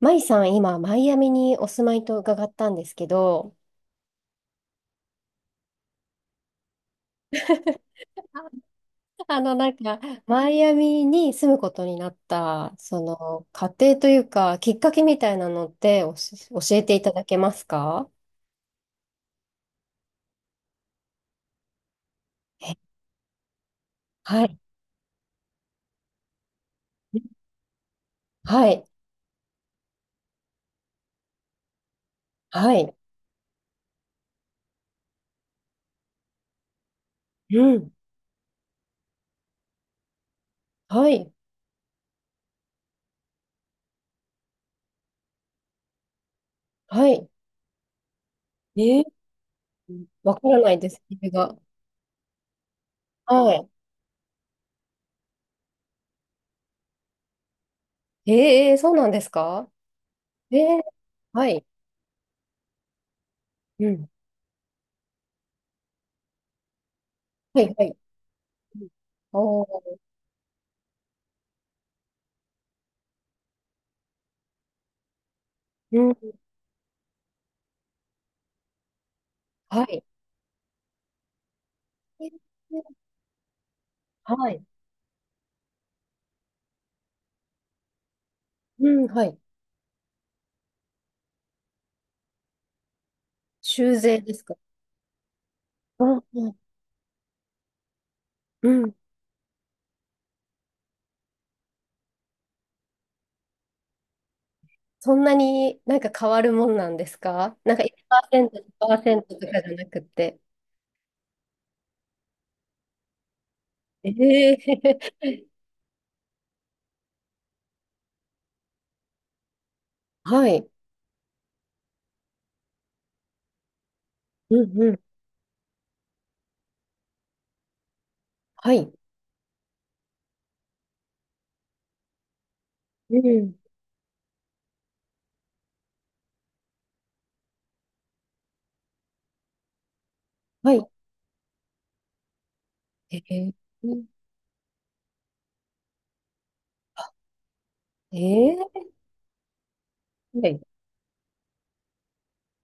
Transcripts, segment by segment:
マイさん、今、マイアミにお住まいと伺ったんですけど、なんか、マイアミに住むことになった、その、過程というか、きっかけみたいなのって教えていただけますか？はい。はい。はい。うん。はい。はい。えわからないです、理由が。はい。そうなんですか？えー、はい。うん。はい、はい。おー、うん。はい。はい。うん、はい。修繕ですか？うんうん。うん。そんなになんか変わるもんなんですか？なんか1%、にパーセントとかじゃなくて。ええ はい。うんうん。はい。うん。はい。ええええ、はい。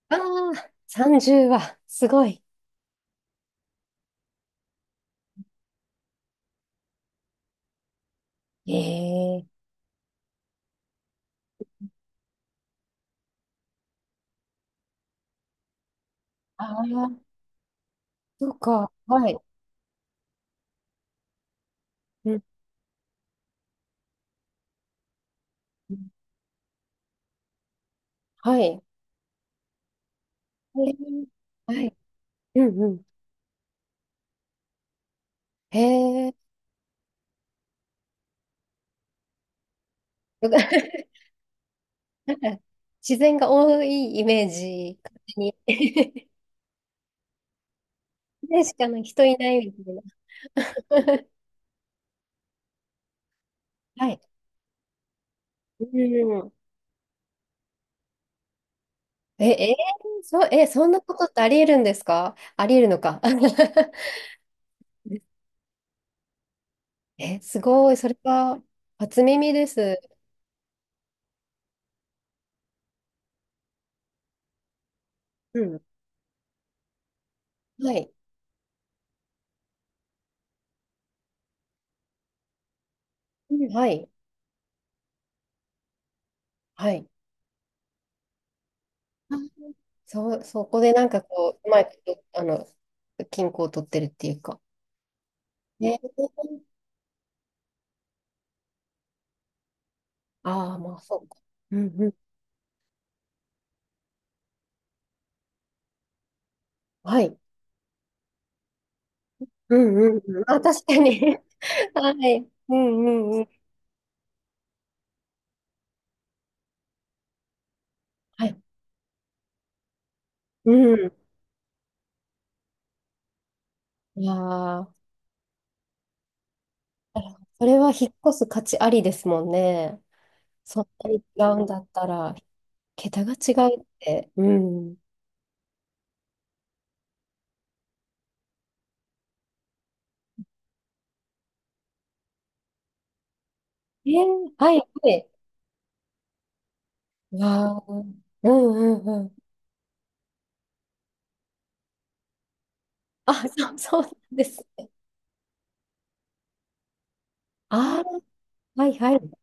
ああ、30は、すごい。ええ、ああー、そうか。はい。うんうん。はい。ええ、はい。うんうん。へえ。なんか、自然が多いイメージ、勝手に。自然しかな人いないみたいな。はい。うん。え、そう、え、そんなことってありえるんですか？ありえるのか。え、すごい。それは、初耳です。うん。はい。うんはい。はい。あそこでなんかこう、うまいこと、均衡を取ってるっていうか。ね。ああ、まあ、そうか。うんうん。はい。うんうんうん。あ、確かに。はい。うんうんうん。はい。うん。いやー、それは引っ越す価値ありですもんね。そんなに違うんだったら、桁が違うって。うん。はい、はい。わー、うんうんうん。あ、そう、そうなんですね。ああ、はい、はい。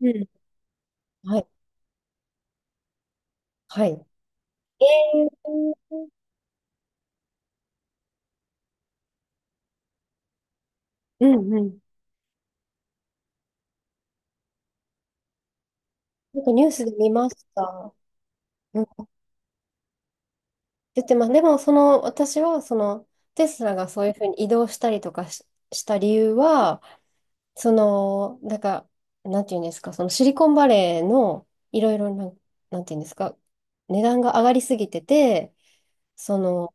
うん。はい、はい。ー、うんうん。なんかニュースで見ました。出てます。でも、その、私は、その、テスラがそういうふうに移動したりとかした理由は、その、なんか、なんていうんですか、そのシリコンバレーのいろいろな、なんていうんですか、値段が上がりすぎてて、その、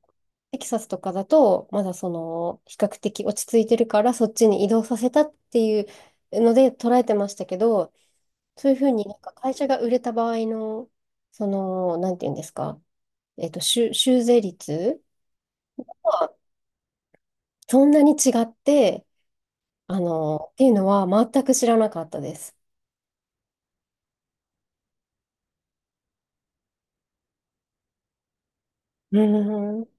テキサスとかだと、まだその、比較的落ち着いてるから、そっちに移動させたっていうので捉えてましたけど、そういうふうになんか会社が売れた場合の、その、なんていうんですか、修税率そんなに違って、っていうのは全く知らなかったです。うん。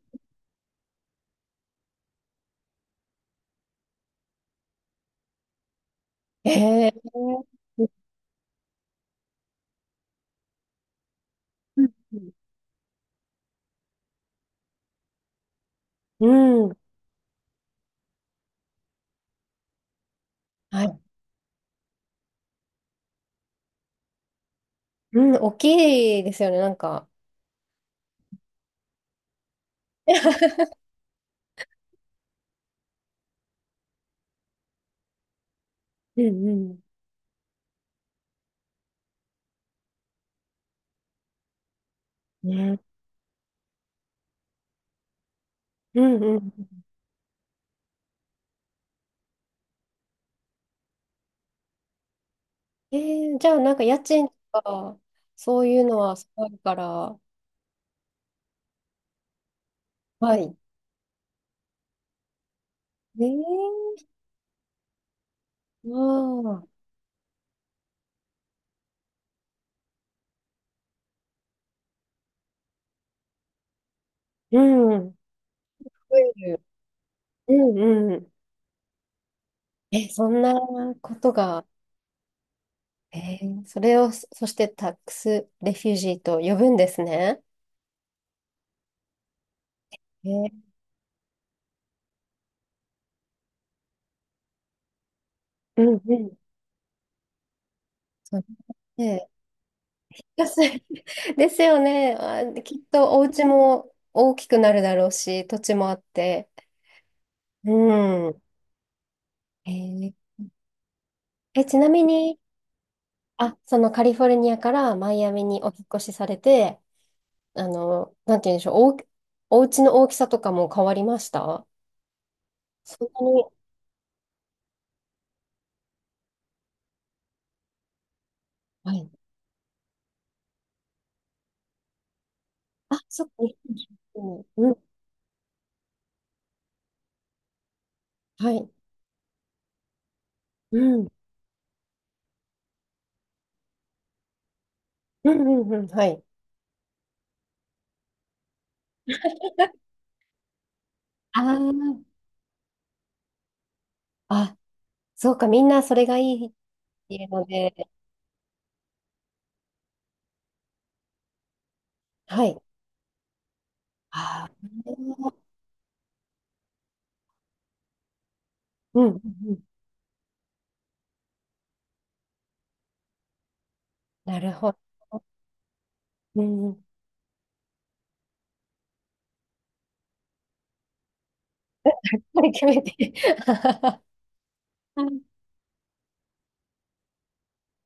ええ、うんうんうん。はい。うん、大きいですよね、なんか。うんうん。ね。うんうん。えじゃあ、なんか家賃とか、そういうのは下がるから、はい。えー、ああ、うん。増える、うんうん。え、そんなことが。それをそしてタックスレフュージーと呼ぶんですね。えー、うんうん。そうね。安い ですよね。あ、きっとお家も大きくなるだろうし、土地もあって。うん。えーえ、ちなみに、あ、そのカリフォルニアからマイアミにお引っ越しされて、なんて言うんでしょう、お家の大きさとかも変わりました？そんなに。はい。あ、そっか。うん。はい。うんうんうんうん、はい。ああ、あ、そうか、みんなそれがいいっていうので、はい。ああ、うんうんうん、なるほど。うん、これ決めて。ん、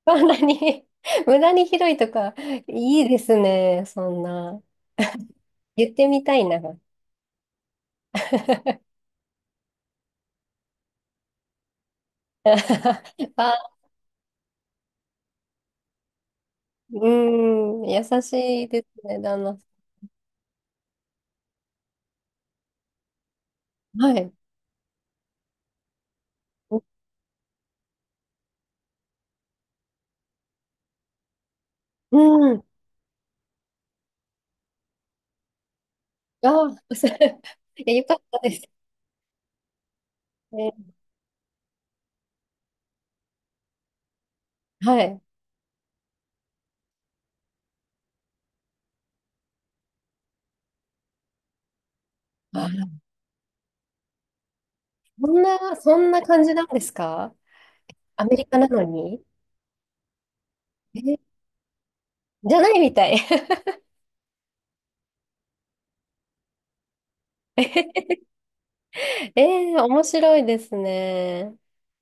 そんなに 無駄に広いとか、いいですね、そんな。言ってみたいな。あ、うん、優しいですね、旦那さん。はい。うん。あ、いや、よかったですね。はい。そんな感じなんですか？アメリカなのに？え、じゃないみたい。面白いですね。